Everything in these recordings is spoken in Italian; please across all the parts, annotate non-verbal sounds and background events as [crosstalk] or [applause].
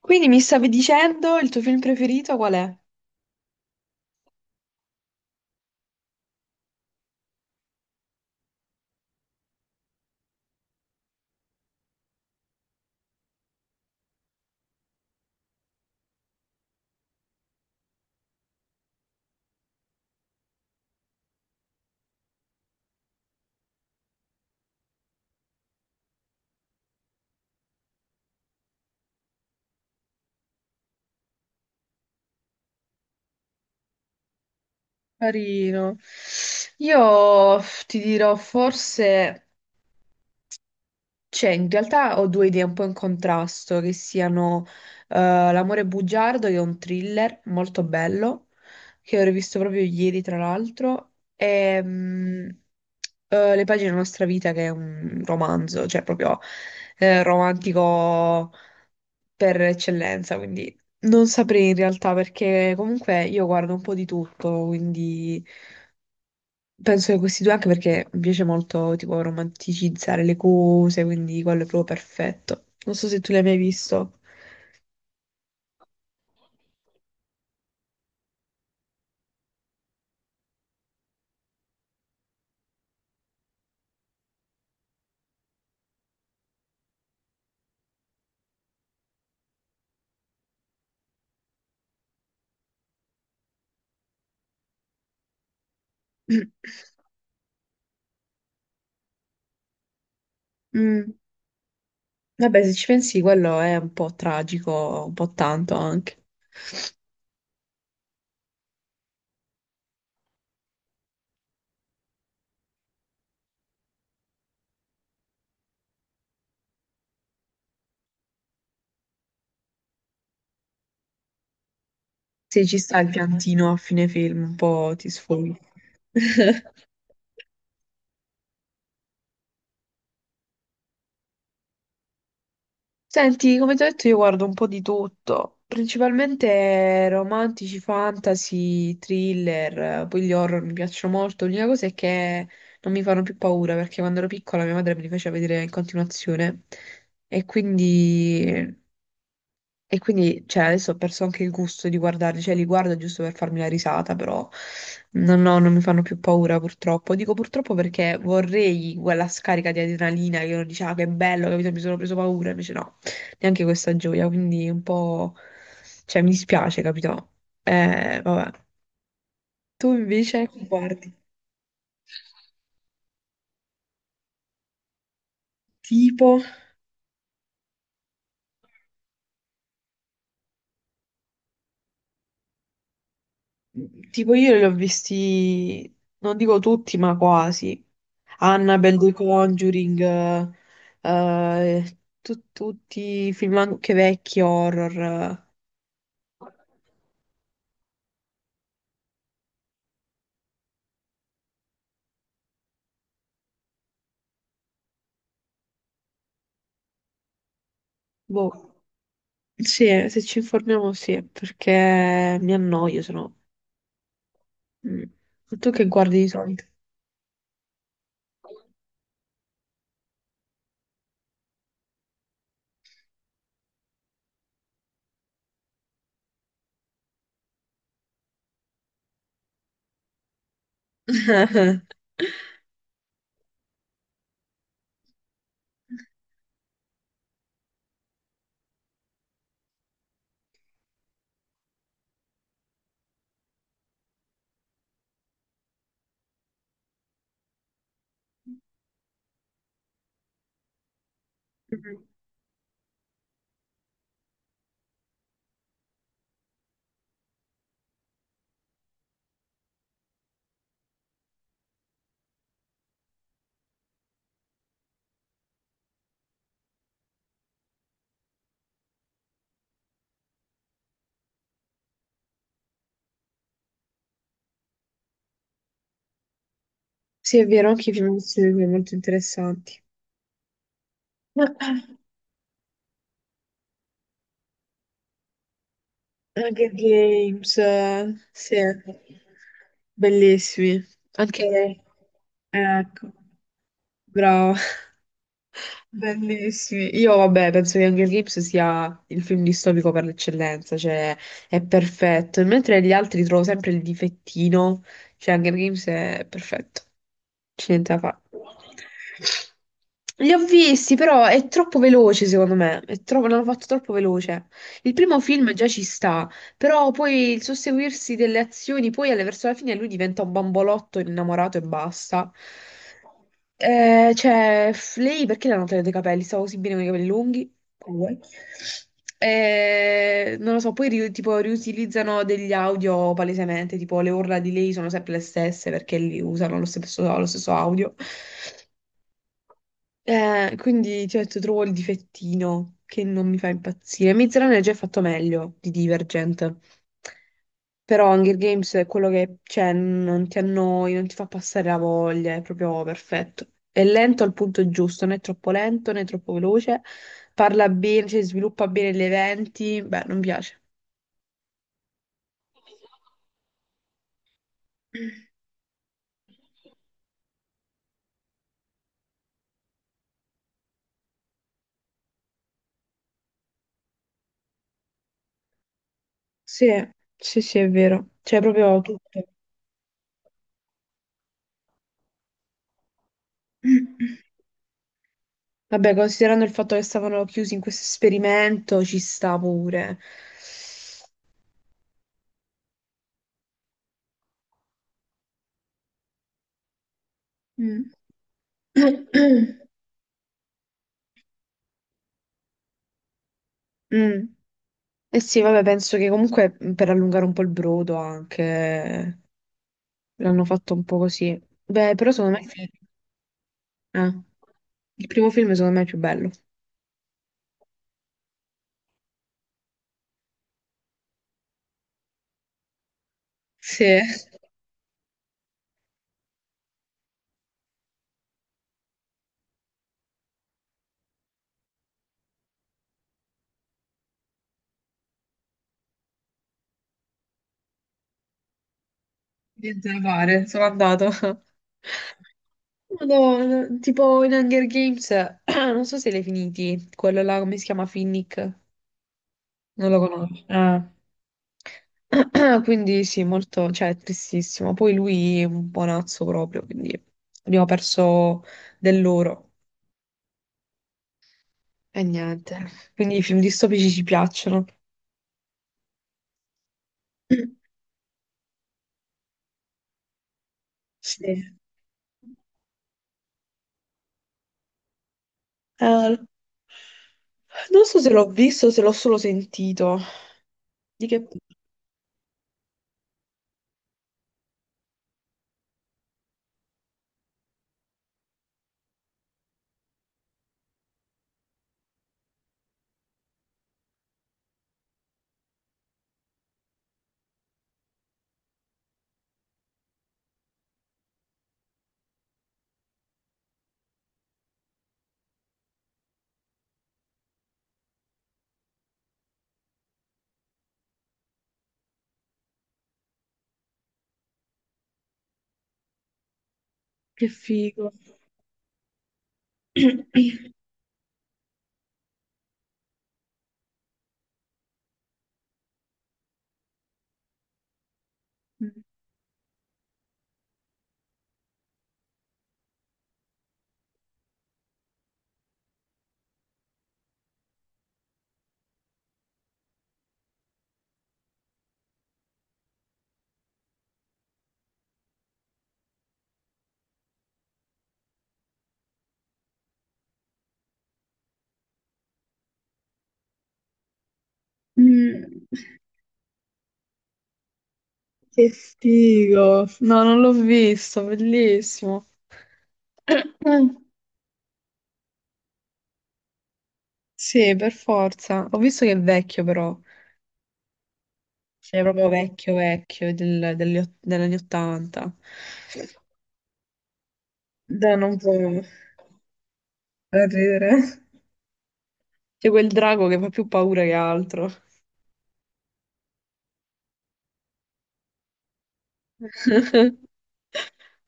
Quindi mi stavi dicendo il tuo film preferito qual è? Carino. Io ti dirò forse, cioè in realtà ho due idee un po' in contrasto, che siano eh, L'amore bugiardo, che è un thriller molto bello, che ho rivisto proprio ieri tra l'altro, e Le pagine della nostra vita, che è un romanzo, cioè proprio romantico per eccellenza, quindi non saprei in realtà perché comunque io guardo un po' di tutto, quindi penso che questi due anche perché mi piace molto tipo romanticizzare le cose, quindi quello è proprio perfetto. Non so se tu l'hai mai visto. [clears throat] Mm. Vabbè, se ci pensi, quello è un po' tragico, un po' tanto anche. Se ci sta il piantino a fine film, un po' ti sfoghi. [laughs] Senti, come ti ho detto, io guardo un po' di tutto, principalmente romantici, fantasy, thriller, poi gli horror mi piacciono molto. L'unica cosa è che non mi fanno più paura perché quando ero piccola mia madre me li faceva vedere in continuazione e quindi e quindi, cioè, adesso ho perso anche il gusto di guardarli, cioè li guardo giusto per farmi la risata, però no, no, non mi fanno più paura purtroppo. Dico purtroppo perché vorrei quella scarica di adrenalina che uno dice, ah, che bello, capito, mi sono preso paura, invece no, neanche questa gioia, quindi un po', cioè, mi dispiace, capito? Vabbè. Tu invece che guardi, tipo... Tipo io li ho visti, non dico tutti, ma quasi. Annabelle, The Conjuring, tutti i film anche vecchi, horror. Boh, sì, se ci informiamo sì, perché mi annoio, se no. Mm. Tu che guardi di solito? Mm. Sì, è vero, anche i film di solito sono molto interessanti. Hunger Games, sì, bellissimi. Anche lei. Ecco, bravo, [laughs] bellissimi. Io vabbè, penso che Hunger Games sia il film distopico per l'eccellenza, cioè è perfetto. Mentre gli altri trovo sempre il difettino, cioè Hunger Games è perfetto. C'è niente da fare. Li ho visti, però è troppo veloce, secondo me. L'hanno fatto troppo veloce. Il primo film già ci sta, però poi il susseguirsi delle azioni, verso la fine lui diventa un bambolotto innamorato e basta. Cioè, lei perché le hanno tagliato i capelli? Stava così bene con i capelli lunghi? Come vuoi. Non lo so, tipo riutilizzano degli audio palesemente, tipo le urla di lei sono sempre le stesse perché li usano lo stesso audio. Quindi ti ho detto, trovo il difettino che non mi fa impazzire. Miz Runner è già fatto meglio di Divergent. Però Hunger Games è quello che c'è, non ti annoi, non ti fa passare la voglia, è proprio perfetto. È lento al punto giusto, non è troppo lento né troppo veloce. Parla bene, cioè, sviluppa bene gli eventi. Beh, non piace. Sì, sì, sì, è vero. C'è proprio tutto. Vabbè, considerando il fatto che stavano chiusi in questo esperimento, ci sta pure. Mm. [clears throat] Mm. Eh sì, vabbè, penso che comunque per allungare un po' il brodo anche l'hanno fatto un po' così. Beh, però secondo me eh, il primo film secondo me è più bello. Sì, niente da fare, sono andato. [laughs] Madonna, tipo in Hunger Games, [clears throat] non so se l'hai finiti, quello là, come si chiama, Finnick? Non lo conosco. Ah. [clears throat] Quindi sì, molto, cioè, è tristissimo. Poi lui è un buonazzo proprio, quindi abbiamo perso dell'oro e niente. Quindi i film distopici ci piacciono. [clears throat] Sì. Eh, non so se l'ho visto o se l'ho solo sentito. Di che... Che figo. [clears throat] Mm. Che figo. No, non l'ho visto, bellissimo. [clears throat] Mm. Sì, per forza. Ho visto che è vecchio però. Sei proprio vecchio, vecchio, degli degli 80. Da non può da ridere. C'è quel drago che fa più paura che altro. [laughs]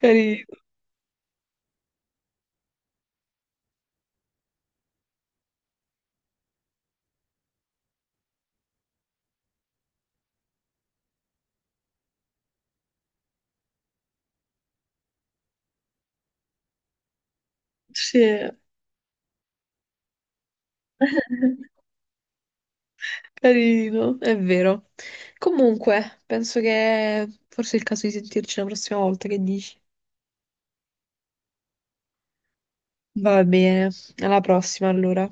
Carino. Sì. Carino, è vero. Comunque, penso che forse è il caso di sentirci la prossima volta, che dici? Va bene, alla prossima allora.